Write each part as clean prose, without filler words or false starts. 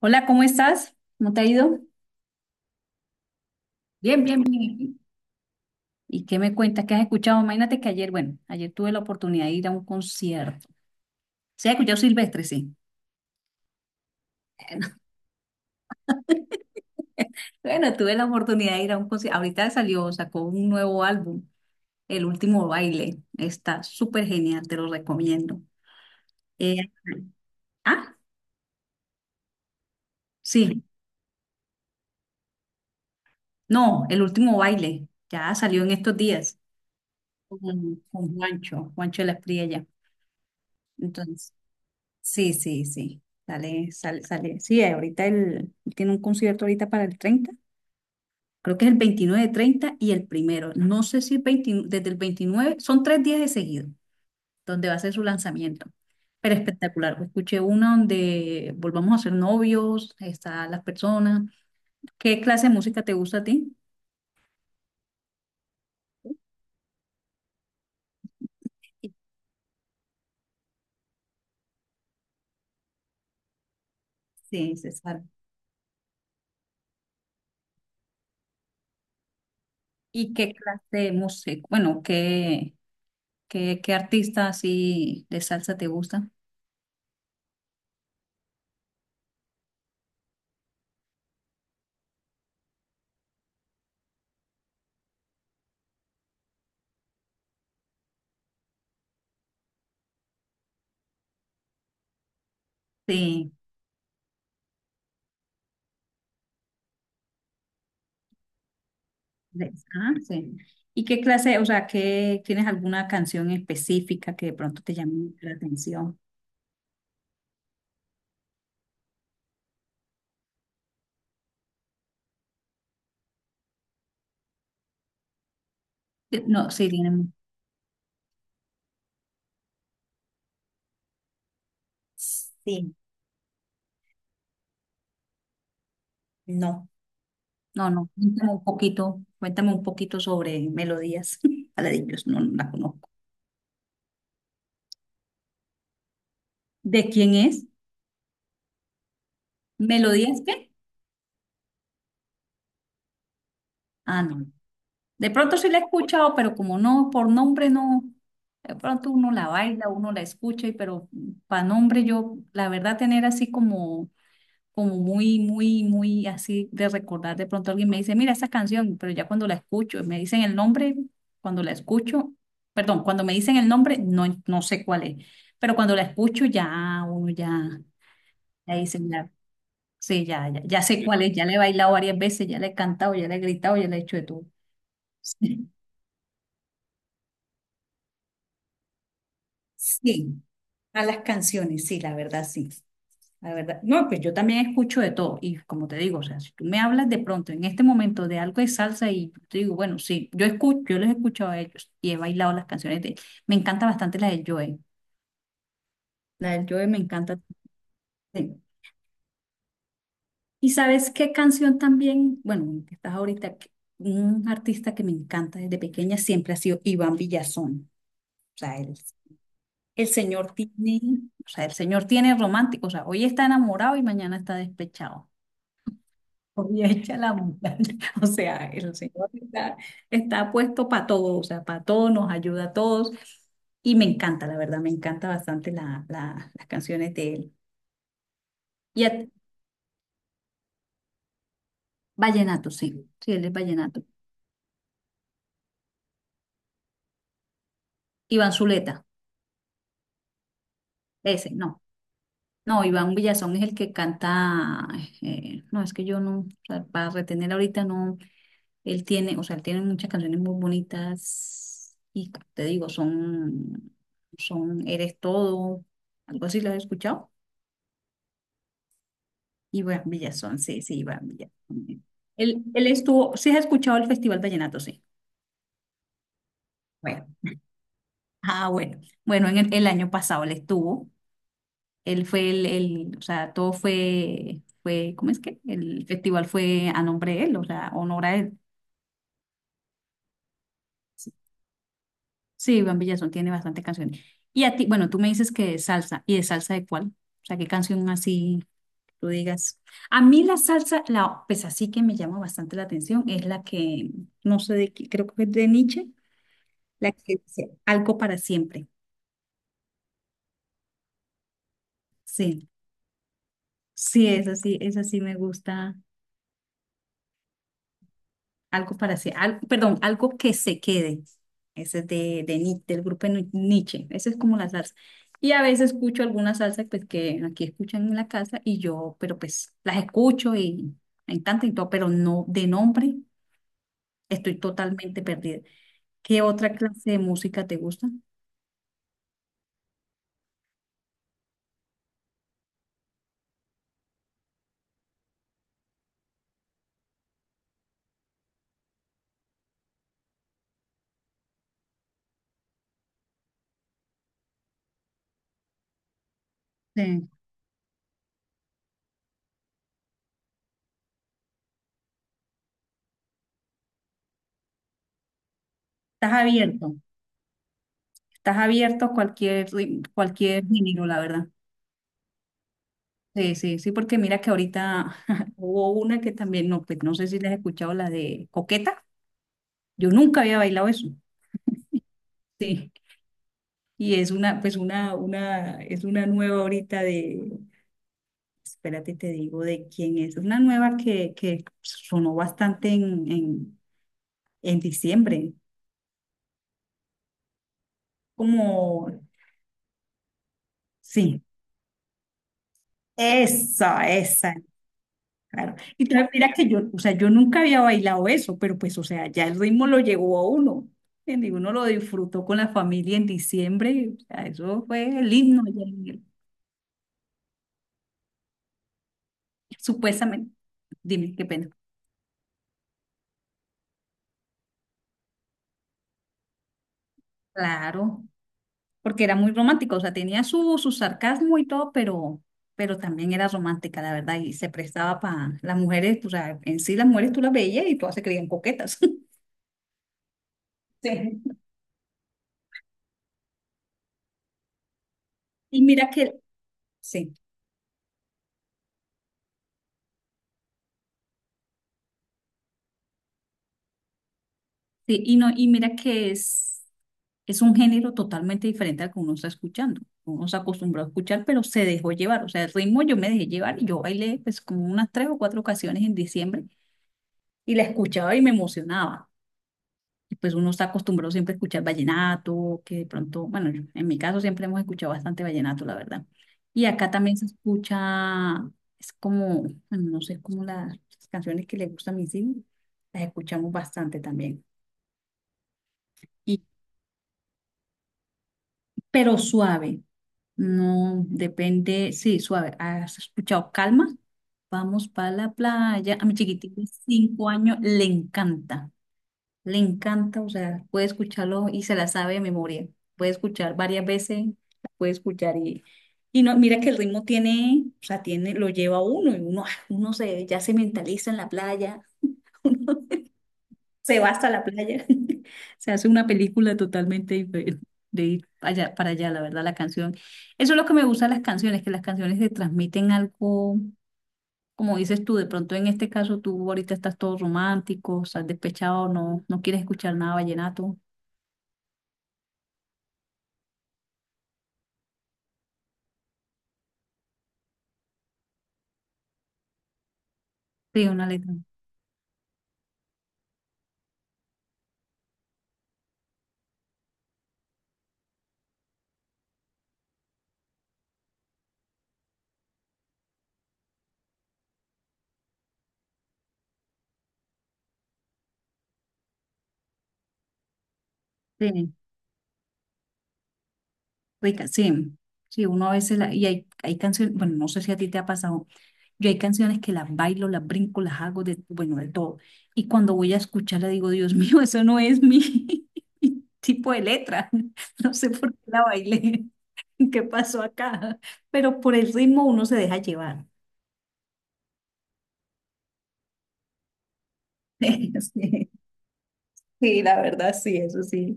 Hola, ¿cómo estás? ¿Cómo te ha ido? Bien, bien, bien. ¿Y qué me cuentas? ¿Qué has escuchado? Imagínate que ayer tuve la oportunidad de ir a un concierto. ¿Se ha escuchado Silvestre? Sí. Bueno, tuve la oportunidad de ir a un concierto. Ahorita salió, sacó un nuevo álbum, El Último Baile. Está súper genial, te lo recomiendo. Eh, ah, sí. No, El Último Baile. Ya salió en estos días con Juancho, Juancho de la Espriella. Entonces, sí, sí, sí. Sale, sale, sale. Sí, ahorita él tiene un concierto ahorita para el 30. Creo que es el 29, 30 y el primero. No sé si el 20, desde el 29 son 3 días de seguido donde va a ser su lanzamiento. Pero espectacular. Escuché una donde volvamos a ser novios, están las personas. ¿Qué clase de música te gusta a ti? Sí, César. ¿Y qué clase de música? Bueno, ¿qué artista así de salsa te gusta? Sí. Descansen. ¿Y qué clase, o sea, tienes alguna canción específica que de pronto te llame la atención? No, sí, tienen. Sí, no. No, no, cuéntame un poquito sobre melodías. Paladillos, no, no la conozco. ¿De quién es? ¿Melodías qué? Ah, no. De pronto sí la he escuchado, pero como no, por nombre no. De pronto uno la baila, uno la escucha, y pero para nombre yo, la verdad, tener así como muy, muy, muy así de recordar. De pronto alguien me dice, mira esa canción, pero ya cuando la escucho, me dicen el nombre, cuando la escucho, perdón, cuando me dicen el nombre, no, no sé cuál es, pero cuando la escucho ya uno ya, ya dice, ya, sí, ya, ya, ya sé cuál es, ya le he bailado varias veces, ya le he cantado, ya le he gritado, ya le he hecho de todo. Sí, sí, a las canciones, sí. La verdad, no, pues yo también escucho de todo y como te digo, o sea, si tú me hablas de pronto en este momento de algo de salsa y yo te digo, bueno, sí, yo los he escuchado a ellos y he bailado las canciones de. Me encanta bastante la de Joe me encanta. Sí. ¿Y sabes qué canción también? Bueno, que estás ahorita, un artista que me encanta desde pequeña siempre ha sido Iván Villazón. O sea, el señor tiene, o sea, el señor tiene romántico, o sea, hoy está enamorado y mañana está despechado. Hecha la montaña. O sea, el Señor está, puesto para todo, o sea, para todo, nos ayuda a todos. Y me encanta, la verdad, me encanta bastante las canciones de él. Y a- Vallenato, sí, sí, él es Vallenato. Iván Zuleta, ese, no. No, Iván Villazón es el que canta, no, es que yo no, o sea, para retener ahorita no, él tiene, o sea, él tiene muchas canciones muy bonitas y te digo, son, son Eres Todo, algo así, ¿lo has escuchado? Iván Villazón, sí, sí, Iván Villazón. Él estuvo, sí has escuchado el Festival Vallenato, sí. Bueno, ah, bueno. Bueno, en el año pasado él estuvo. Él fue o sea, todo fue, ¿cómo es que? El festival fue a nombre de él, o sea, honor a él. Sí, Iván Villazón tiene bastantes canciones. Y a ti, bueno, tú me dices que de salsa. ¿Y de salsa de cuál? O sea, ¿qué canción así tú digas? A mí la salsa, la, pues así que me llama bastante la atención, es la que, no sé de qué, creo que es de Nietzsche. La experiencia algo para siempre. Sí, sí, es así, me gusta. Algo para siempre. Perdón, algo que se quede. Ese es de Ni- del grupo de Nietzsche. Esa es como la salsa. Y a veces escucho alguna salsa pues, que aquí escuchan en la casa y yo, pero pues las escucho y me encanta y todo, pero no de nombre estoy totalmente perdida. ¿Qué otra clase de música te gusta? Sí. Estás abierto, estás abierto a cualquier, cualquier género, la verdad. Sí, sí, sí, porque mira que ahorita hubo una que también, no, pues no sé si la has escuchado, la de Coqueta. Yo nunca había bailado eso. Sí. Y es una, pues es una nueva ahorita de, espérate, te digo de quién es. Es una nueva que sonó bastante en, en diciembre. Como, sí, esa, esa. Claro. Y tal, mira que yo, o sea, yo nunca había bailado eso, pero pues, o sea, ya el ritmo lo llegó a uno. ¿Entiendes? Y uno lo disfrutó con la familia en diciembre. O sea, eso fue el himno. Supuestamente, dime qué pena. Claro, porque era muy romántico, o sea, tenía su sarcasmo y todo, pero también era romántica, la verdad, y se prestaba para las mujeres, o sea, en sí las mujeres tú las veías y todas se creían coquetas. Sí. Y mira que, sí. Sí, y no, y mira que es un género totalmente diferente al que uno está escuchando. Uno se acostumbró a escuchar, pero se dejó llevar. O sea, el ritmo yo me dejé llevar y yo bailé pues como unas tres o cuatro ocasiones en diciembre y la escuchaba y me emocionaba. Y pues uno está acostumbrado siempre a escuchar vallenato, que de pronto, bueno, en mi caso siempre hemos escuchado bastante vallenato, la verdad. Y acá también se escucha, es como, bueno, no sé, como las canciones que le gustan a mis hijos, las escuchamos bastante también. Y, pero suave. No, depende, sí, suave. ¿Has escuchado? Calma, vamos para la playa. A mi chiquitito de 5 años le encanta, o sea, puede escucharlo y se la sabe de memoria. Puede escuchar varias veces, puede escuchar y no, mira que el ritmo tiene, o sea, tiene, lo lleva a uno y uno, ya se mentaliza en la playa. Se va hasta la playa. Se hace una película totalmente diferente de ir allá, para allá, la verdad, la canción. Eso es lo que me gusta de las canciones, que las canciones te transmiten algo, como dices tú, de pronto en este caso tú ahorita estás todo romántico, estás despechado, no, no quieres escuchar nada vallenato. Sí, una letra. Sí, rica, sí. Sí, uno a veces, y hay canciones, bueno, no sé si a ti te ha pasado. Yo hay canciones que las bailo, las brinco, las hago de, bueno, de todo. Y cuando voy a escucharla digo, Dios mío, eso no es mi tipo de letra. No sé por qué la bailé, qué pasó acá. Pero por el ritmo uno se deja llevar. Sí, sí, la verdad, sí, eso sí.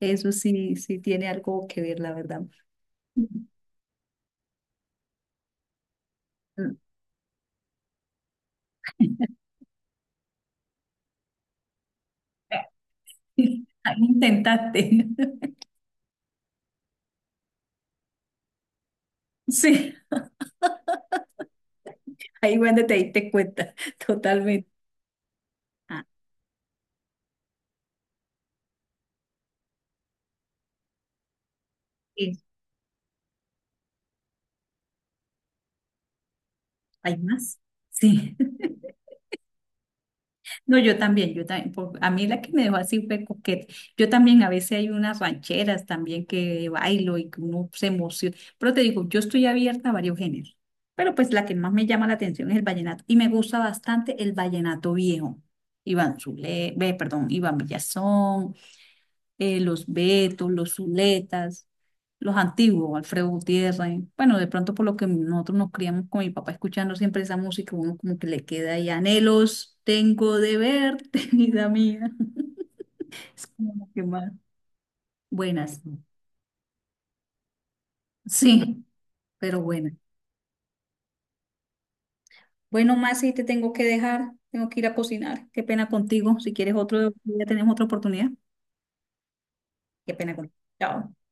Eso sí, sí tiene algo que ver, la verdad. Ahí intentaste. Sí, ahí cuando te diste cuenta, totalmente. Ah, sí. ¿Hay más? Sí. No, yo también, a mí la que me dejó así fue coquete. Yo también a veces hay unas rancheras también que bailo y que uno se emociona. Pero te digo, yo estoy abierta a varios géneros. Pero pues la que más me llama la atención es el vallenato. Y me gusta bastante el vallenato viejo. Iván Zule, ve, perdón, Iván Villazón, los Betos, los Zuletas, los antiguos, Alfredo Gutiérrez. Bueno, de pronto por lo que nosotros nos criamos con mi papá escuchando siempre esa música, uno como que le queda ahí anhelos, tengo de verte, vida mía. Es como lo que más. Buenas. Sí, pero buenas. Bueno, Masi, te tengo que dejar, tengo que ir a cocinar. Qué pena contigo. Si quieres otro, ya tenemos otra oportunidad. Qué pena contigo. Chao.